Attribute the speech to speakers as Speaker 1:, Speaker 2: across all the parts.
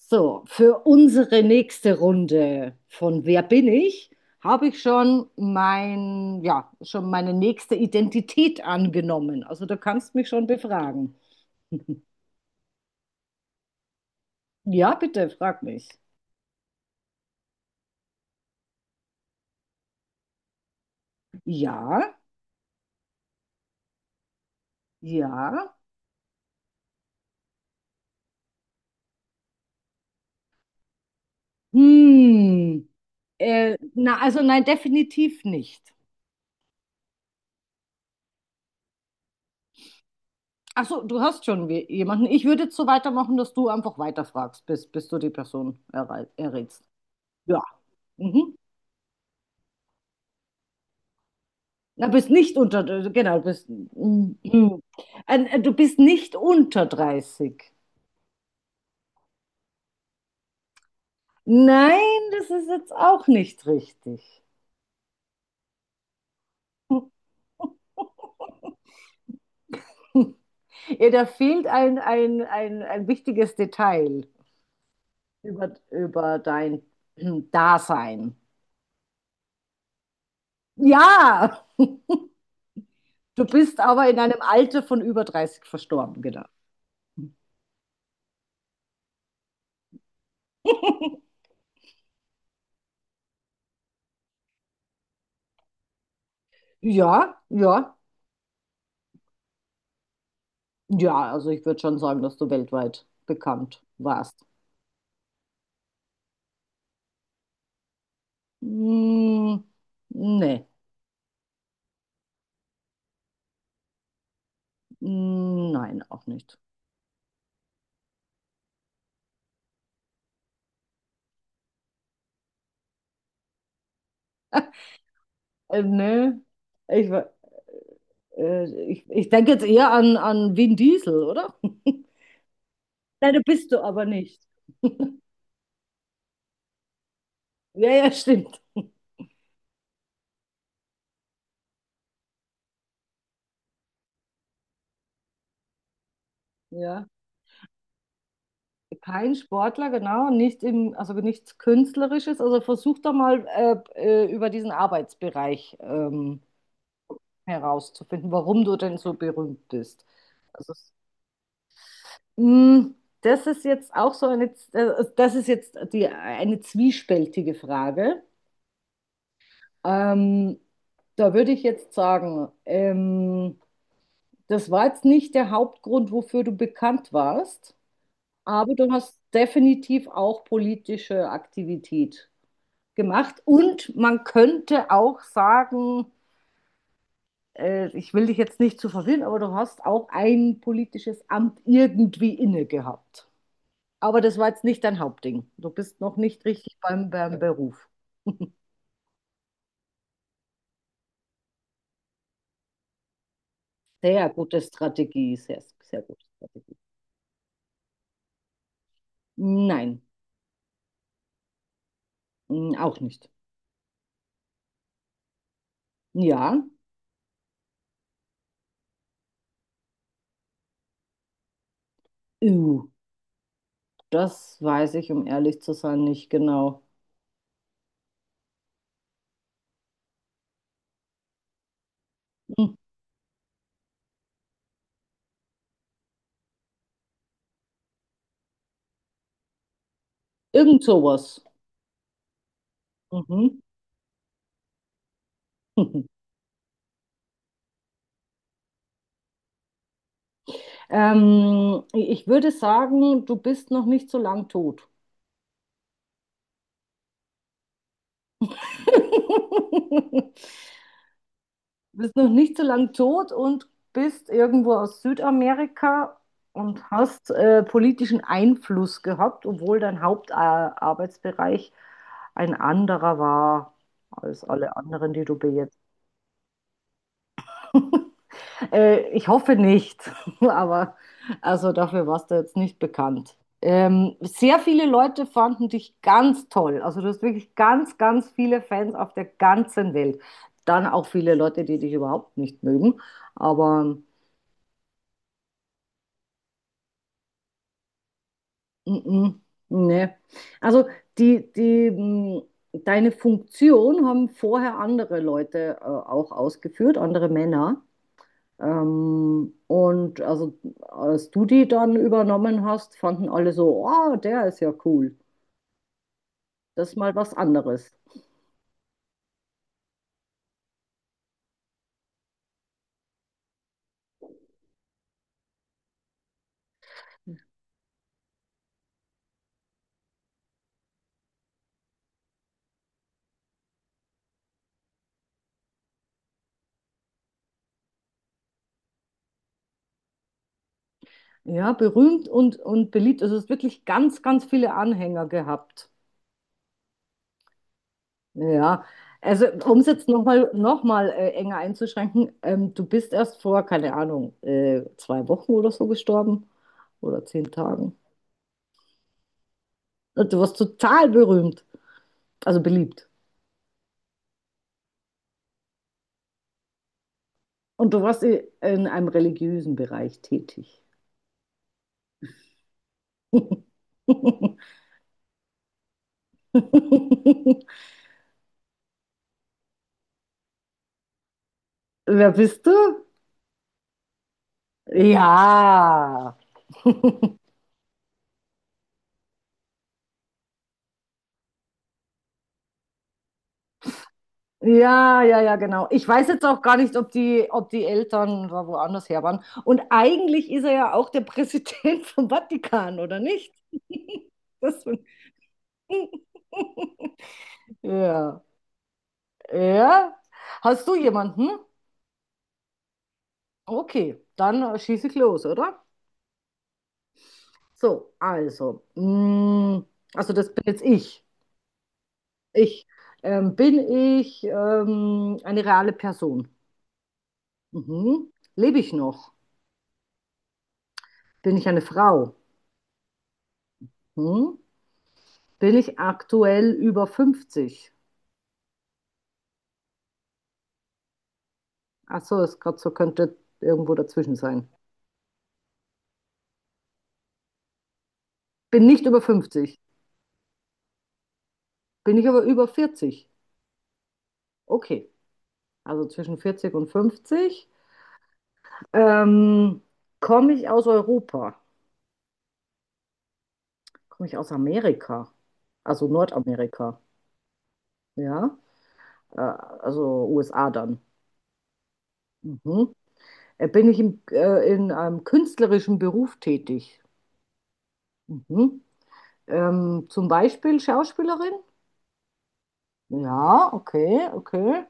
Speaker 1: So, für unsere nächste Runde von Wer bin ich, habe ich schon mein, ja, schon meine nächste Identität angenommen. Also du kannst mich schon befragen. Ja, bitte, frag mich. Ja, ja. Hm. Also nein, definitiv nicht. Ach so, du hast schon jemanden. Ich würde jetzt so weitermachen, dass du einfach weiterfragst, bis du die Person errätst. Ja. Mhm. Du bist nicht unter, genau, du bist, mm. Du bist nicht unter dreißig. Nein, das ist jetzt auch nicht richtig. Ja, da fehlt ein wichtiges Detail über, über dein Dasein. Ja, du bist aber in einem Alter von über 30 verstorben, genau. Ja, ja, ja, also ich würde schon sagen, dass du weltweit bekannt warst. Hm, nee. Nein, auch nicht. Nö. Ich, äh, ich denke jetzt eher an, an Vin Diesel, oder? Nein, du bist du aber nicht. Ja, ja, stimmt. Ja. Kein Sportler, genau, nicht im, also nichts Künstlerisches. Also versuch doch mal über diesen Arbeitsbereich herauszufinden, warum du denn so berühmt bist. Also, es- Mm, das ist jetzt auch so eine, das ist jetzt die, eine zwiespältige Frage. Ähm, Da würde ich jetzt sagen, das war jetzt nicht der Hauptgrund, wofür du bekannt warst, aber du hast definitiv auch politische Aktivität gemacht. Und man könnte auch sagen, ich will dich jetzt nicht zu verwirren, aber du hast auch ein politisches Amt irgendwie inne gehabt. Aber das war jetzt nicht dein Hauptding. Du bist noch nicht richtig beim Beruf. Sehr gute Strategie, sehr, sehr gute Strategie. Nein. Auch nicht. Ja, Ew, das weiß ich, um ehrlich zu sein, nicht genau. Hm. Irgend sowas. Mhm. Ich würde sagen, du bist noch nicht so lang tot. Du bist noch nicht so lang tot und bist irgendwo aus Südamerika und hast politischen Einfluss gehabt, obwohl dein Hauptarbeitsbereich ein anderer war als alle anderen, die du bejetzt. Ich hoffe nicht, aber also dafür warst du jetzt nicht bekannt. Sehr viele Leute fanden dich ganz toll. Also du hast wirklich ganz, ganz viele Fans auf der ganzen Welt. Dann auch viele Leute, die dich überhaupt nicht mögen. Aber mm, mm, ne. Also die, die, mm, deine Funktion haben vorher andere Leute auch ausgeführt, andere Männer. Und also, als du die dann übernommen hast, fanden alle so, oh, der ist ja cool. Das ist mal was anderes. Ja, berühmt und beliebt. Also es hat wirklich ganz, ganz viele Anhänger gehabt. Ja, also um es jetzt noch mal enger einzuschränken, du bist erst vor, keine Ahnung, zwei Wochen oder so gestorben oder zehn Tagen. Und Du warst total berühmt, also beliebt. Und du warst in einem religiösen Bereich tätig. Wer bist du? Ja. Ja, ja, ja, genau. Ich weiß jetzt auch gar nicht, ob die Eltern da woanders her waren. Und eigentlich ist er ja auch der Präsident vom Vatikan, oder nicht? Das ja, ja. Hast du jemanden? Okay, dann schieße ich los, oder? So, also, mm, also das bin jetzt ich. Ich bin ich eine reale Person. Mhm. Lebe ich noch? Bin ich eine Frau? Hm? Bin ich aktuell über 50? Achso, das grad so könnte irgendwo dazwischen sein. Bin nicht über 50. Bin ich aber über vierzig? Okay, also zwischen 40 und 50. Ähm, Komme ich aus Europa? Komme ich aus Amerika? Also Nordamerika, ja? Also USA dann. Mhm. Bin ich im, in einem künstlerischen Beruf tätig? Mhm. Zum Beispiel Schauspielerin? Ja, okay, okay.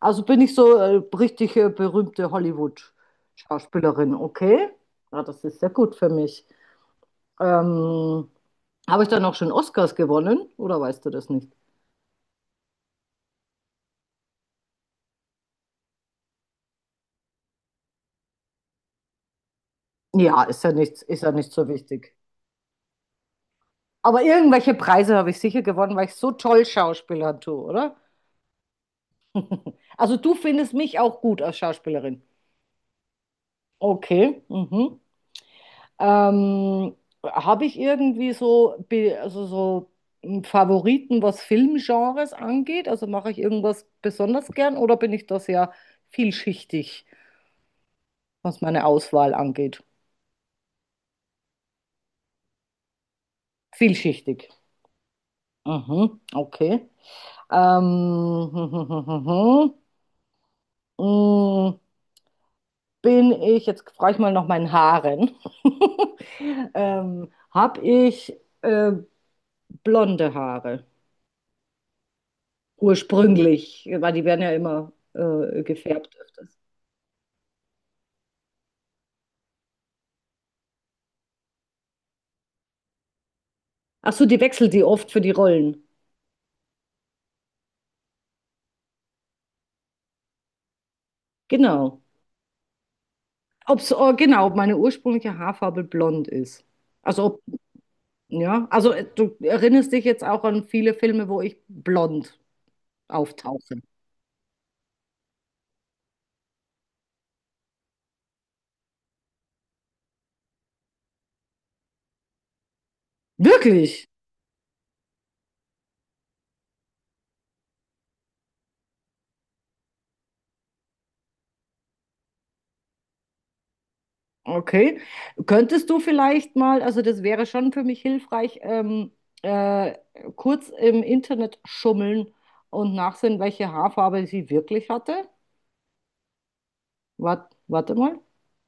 Speaker 1: Also bin ich so richtig berühmte Hollywood-Schauspielerin, okay. Ja, das ist sehr gut für mich. Ähm, Habe ich dann auch schon Oscars gewonnen oder weißt du das nicht? Ja, ist ja nichts, ist ja nicht so wichtig. Aber irgendwelche Preise habe ich sicher gewonnen, weil ich so toll Schauspielern tue, oder? Also du findest mich auch gut als Schauspielerin. Okay. Mhm. Ähm, Habe ich irgendwie so, also so einen Favoriten, was Filmgenres angeht? Also mache ich irgendwas besonders gern oder bin ich da sehr vielschichtig, was meine Auswahl angeht? Vielschichtig. Mhm, okay. Hm, hm, hm, hm, hm. mm, Bin ich, jetzt frage ich mal nach meinen Haaren. Habe ich äh, blonde Haare? Ursprünglich, weil die werden ja immer gefärbt öfters. Ach so, die wechselt die oft für die Rollen. Genau. Genau, ob meine ursprüngliche Haarfarbe blond ist. Also ob, ja, also du erinnerst dich jetzt auch an viele Filme, wo ich blond auftauche. Wirklich? Okay. Könntest du vielleicht mal, also das wäre schon für mich hilfreich, äh, kurz im Internet schummeln und nachsehen, welche Haarfarbe sie wirklich hatte? Warte mal.